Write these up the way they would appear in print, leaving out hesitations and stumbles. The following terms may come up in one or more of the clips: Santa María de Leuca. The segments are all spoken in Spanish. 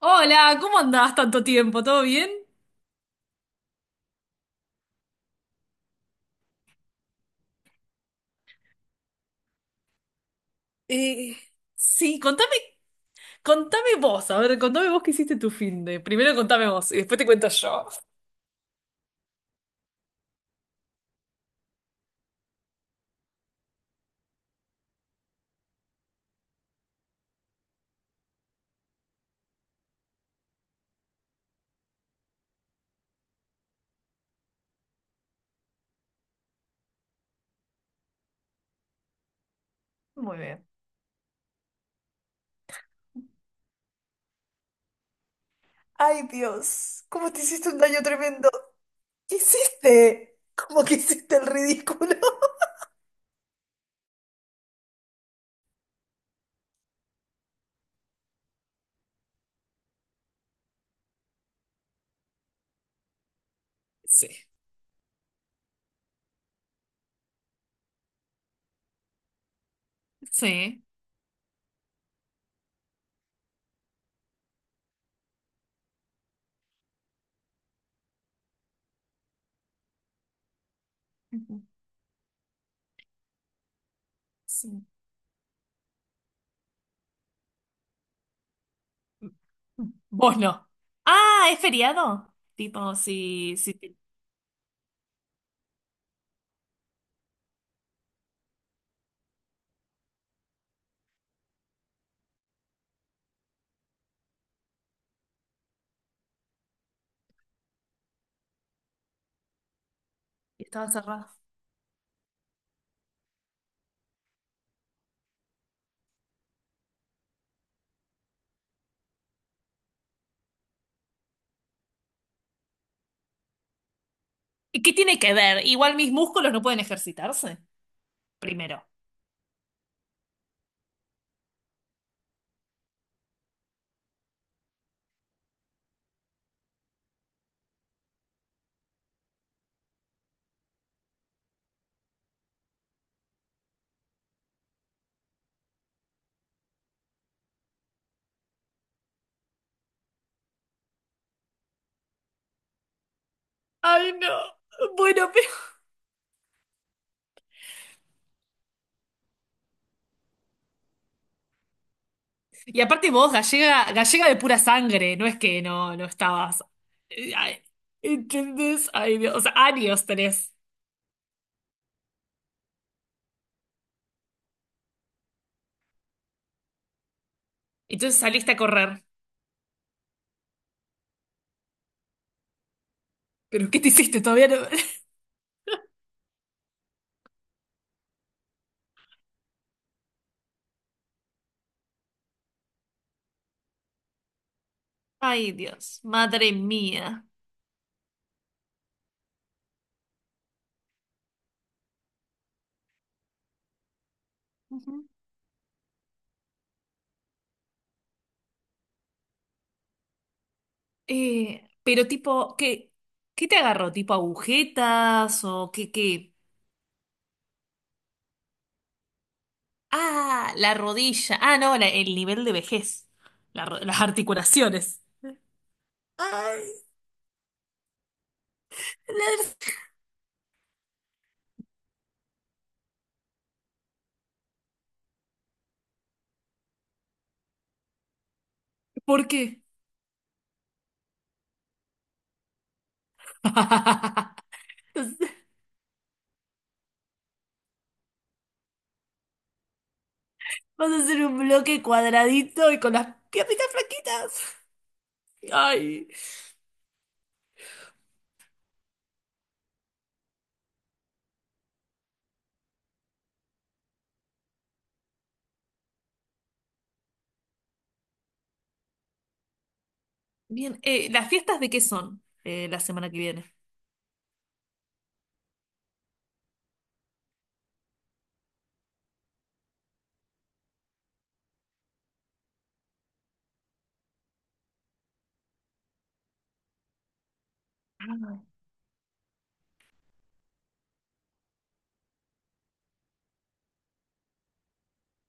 Hola, ¿cómo andás tanto tiempo? ¿Todo bien? Eh, sí. Contame vos, a ver, contame vos qué hiciste tu finde. Primero contame vos y después te cuento yo. Muy bien. Ay, Dios, cómo te hiciste un daño tremendo. ¿Qué hiciste? ¿Cómo que hiciste el ridículo? Sí. Sí. Ujú. Sí. Vos no. Ah, ¿es feriado? Tipo, si, si... Estaba cerrado. ¿Y qué tiene que ver? Igual mis músculos no pueden ejercitarse. Primero. Ay, no. Bueno, pero. Y aparte vos, gallega, gallega de pura sangre, no es que no, no estabas. Ay. ¿Entendés? Ay, Dios. O sea, años tenés. Entonces saliste a correr. ¿Pero qué te hiciste? Todavía no. Ay, Dios, madre mía. Ujú. Pero tipo, ¿qué te agarró? ¿Tipo agujetas o qué? Ah, la rodilla. Ah, no, el nivel de vejez. Las articulaciones. Ay. la- ¿Por qué? Entonces. Vas a hacer un bloque cuadradito y con las piernitas flaquitas. Ay. Bien, ¿las fiestas de qué son la semana que viene? Ah.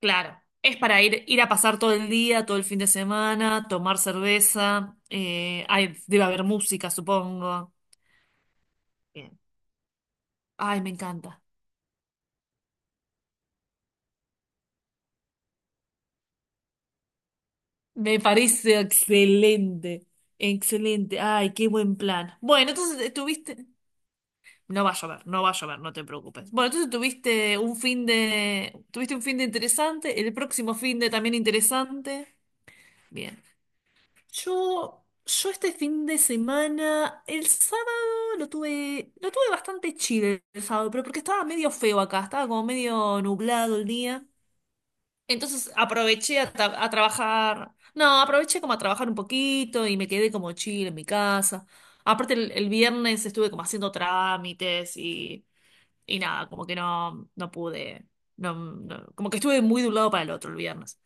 Claro, es para ir a pasar todo el día, todo el fin de semana, tomar cerveza. Ay, debe haber música, supongo. Bien. Ay, me encanta. Me parece excelente. Excelente. Ay, qué buen plan. Bueno, entonces estuviste. No va a llover, no va a llover, no te preocupes. Bueno, entonces tuviste un fin de interesante, el próximo fin de también interesante. Bien. Yo este fin de semana, el sábado lo tuve bastante chill el sábado, pero porque estaba medio feo acá, estaba como medio nublado el día. Entonces aproveché a trabajar, no, aproveché como a trabajar un poquito y me quedé como chill en mi casa. Aparte el viernes estuve como haciendo trámites y nada, como que no, no pude, como que estuve muy de un lado para el otro el viernes.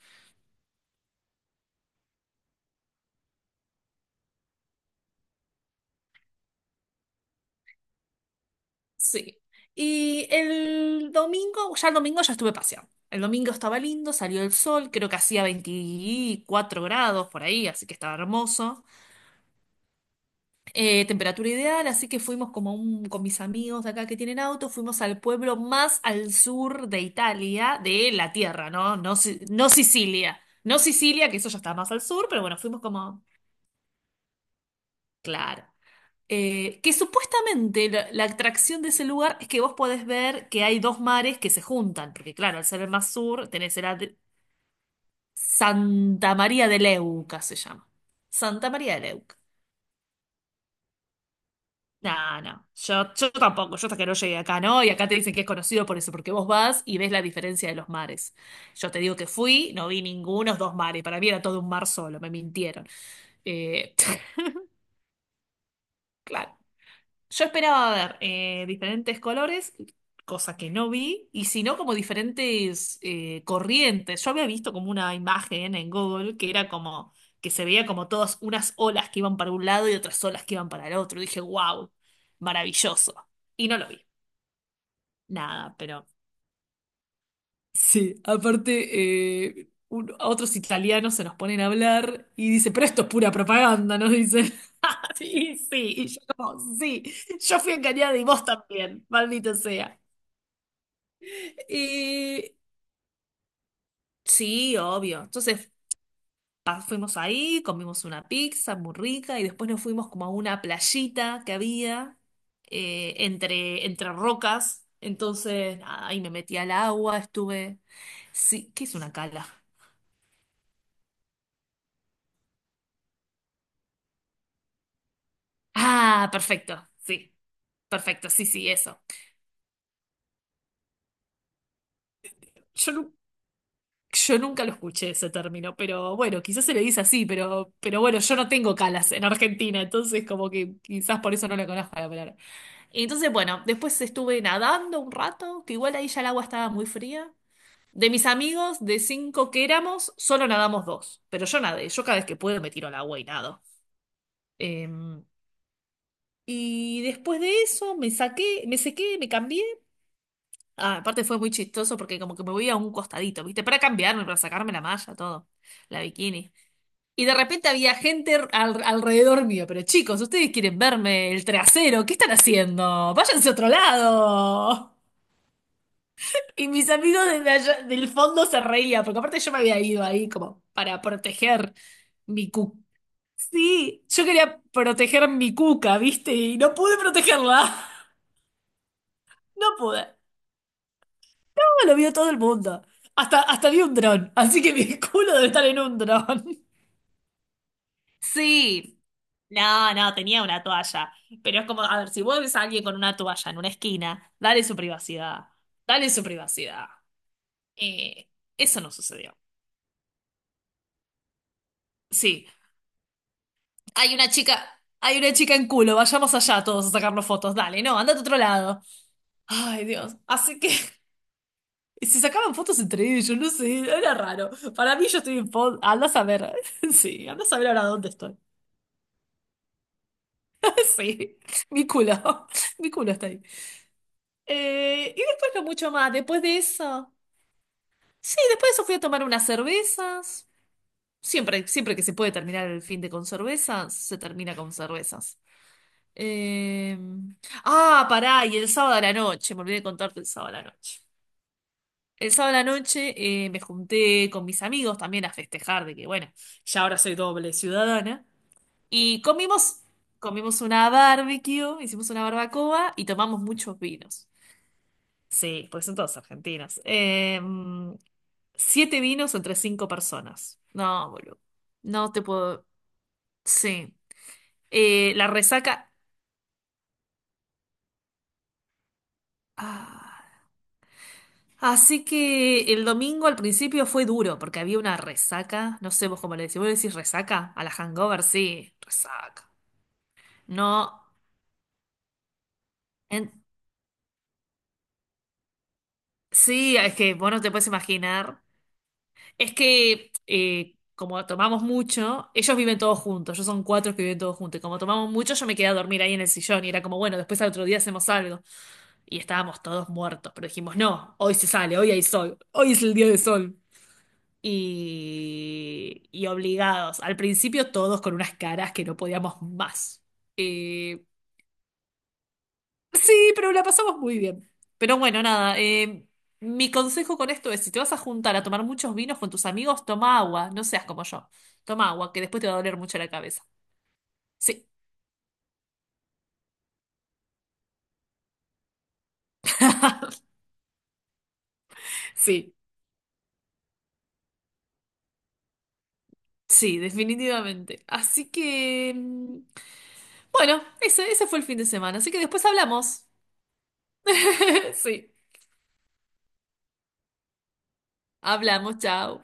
Sí. Y el domingo ya estuve paseando. El domingo estaba lindo, salió el sol, creo que hacía 24 grados por ahí, así que estaba hermoso. Temperatura ideal, así que fuimos con mis amigos de acá que tienen auto, fuimos al pueblo más al sur de Italia, de la tierra, ¿no? No, no Sicilia. No Sicilia, que eso ya está más al sur, pero bueno, fuimos como. Claro. Que supuestamente la atracción de ese lugar es que vos podés ver que hay dos mares que se juntan, porque claro, al ser el más sur tenés Santa María de Leuca se llama. Santa María de Leuca. No, no, yo tampoco, yo hasta que no llegué acá, ¿no? Y acá te dicen que es conocido por eso, porque vos vas y ves la diferencia de los mares. Yo te digo que fui, no vi ningunos dos mares, para mí era todo un mar solo, me mintieron. Eh, claro. Yo esperaba ver diferentes colores, cosa que no vi, y si no, como diferentes corrientes. Yo había visto como una imagen en Google que era como que se veía como todas unas olas que iban para un lado y otras olas que iban para el otro. Y dije, wow, maravilloso. Y no lo vi, nada. Sí, aparte, a otros italianos se nos ponen a hablar y dice, pero esto es pura propaganda, nos dicen. Sí, sí, y yo como, sí, yo fui engañada y vos también, maldito sea. Y sí, obvio. Entonces fuimos ahí, comimos una pizza muy rica y después nos fuimos como a una playita que había entre rocas. Entonces, nada, ahí me metí al agua, estuve. Sí, ¿qué es una cala? Ah, perfecto, sí, sí, eso. Yo, nu- yo nunca lo escuché ese término, pero bueno, quizás se le dice así, pero bueno, yo no tengo calas en Argentina, entonces como que quizás por eso no la conozco la palabra. Y entonces, bueno, después estuve nadando un rato, que igual ahí ya el agua estaba muy fría. De mis amigos, de cinco que éramos, solo nadamos dos, pero yo nadé, yo cada vez que puedo me tiro al agua y nado. Em, y después de eso me saqué, me sequé, me cambié. Ah, aparte fue muy chistoso porque como que me voy a un costadito, ¿viste? Para cambiarme, para sacarme la malla, todo, la bikini. Y de repente había gente alrededor mío, pero chicos, ustedes quieren verme el trasero, ¿qué están haciendo? Váyanse a otro lado. Y mis amigos desde allá, del fondo se reían, porque aparte yo me había ido ahí como para proteger mi cuca. Sí, yo quería proteger mi cuca, ¿viste? Y no pude protegerla. No pude. Lo vio todo el mundo. Hasta vi un dron. Así que mi culo debe estar en un dron. Sí. No, no, tenía una toalla. Pero es como, a ver, si vos ves a alguien con una toalla en una esquina, dale su privacidad. Dale su privacidad. Eh, Eso no sucedió. Sí, hay una chica en culo, vayamos allá todos a sacarnos fotos. Dale, no, andate a otro lado. Ay, Dios. Así que se sacaban fotos entre ellos, no sé, era raro. Para mí yo estoy en foto. Anda a saber. Sí, anda a saber ahora dónde estoy. Sí, mi culo, mi culo está ahí. Y después no mucho más, después de eso. Sí, después de eso fui a tomar unas cervezas. Siempre, siempre que se puede terminar el fin de con cervezas, se termina con cervezas. Eh, Ah, pará, y el sábado a la noche, me olvidé de contarte el sábado a la noche. El sábado a la noche me junté con mis amigos también a festejar de que, bueno, ya ahora soy doble ciudadana. Y comimos una barbecue, hicimos una barbacoa y tomamos muchos vinos. Sí, porque son todos argentinos. Siete vinos entre cinco personas. No, boludo. No te puedo. Sí. La resaca. Ah. Así que el domingo al principio fue duro porque había una resaca. No sé vos cómo le decís. ¿Vos le decís resaca? A la hangover, sí. Resaca. No. en- Sí, es que vos no te puedes imaginar. Es que como tomamos mucho, ellos viven todos juntos, ellos son cuatro que viven todos juntos, y como tomamos mucho, yo me quedé a dormir ahí en el sillón y era como, bueno, después al otro día hacemos algo. Y estábamos todos muertos, pero dijimos, no, hoy se sale, hoy hay sol, hoy es el día de sol. Y obligados, al principio todos con unas caras que no podíamos más. Eh, Sí, pero la pasamos muy bien. Pero bueno, nada, mi consejo con esto es, si te vas a juntar a tomar muchos vinos con tus amigos, toma agua, no seas como yo. Toma agua, que después te va a doler mucho la cabeza. Sí, sí, sí, definitivamente. Así que, bueno, ese fue el fin de semana. Así que después hablamos. Sí, hablamos, chao.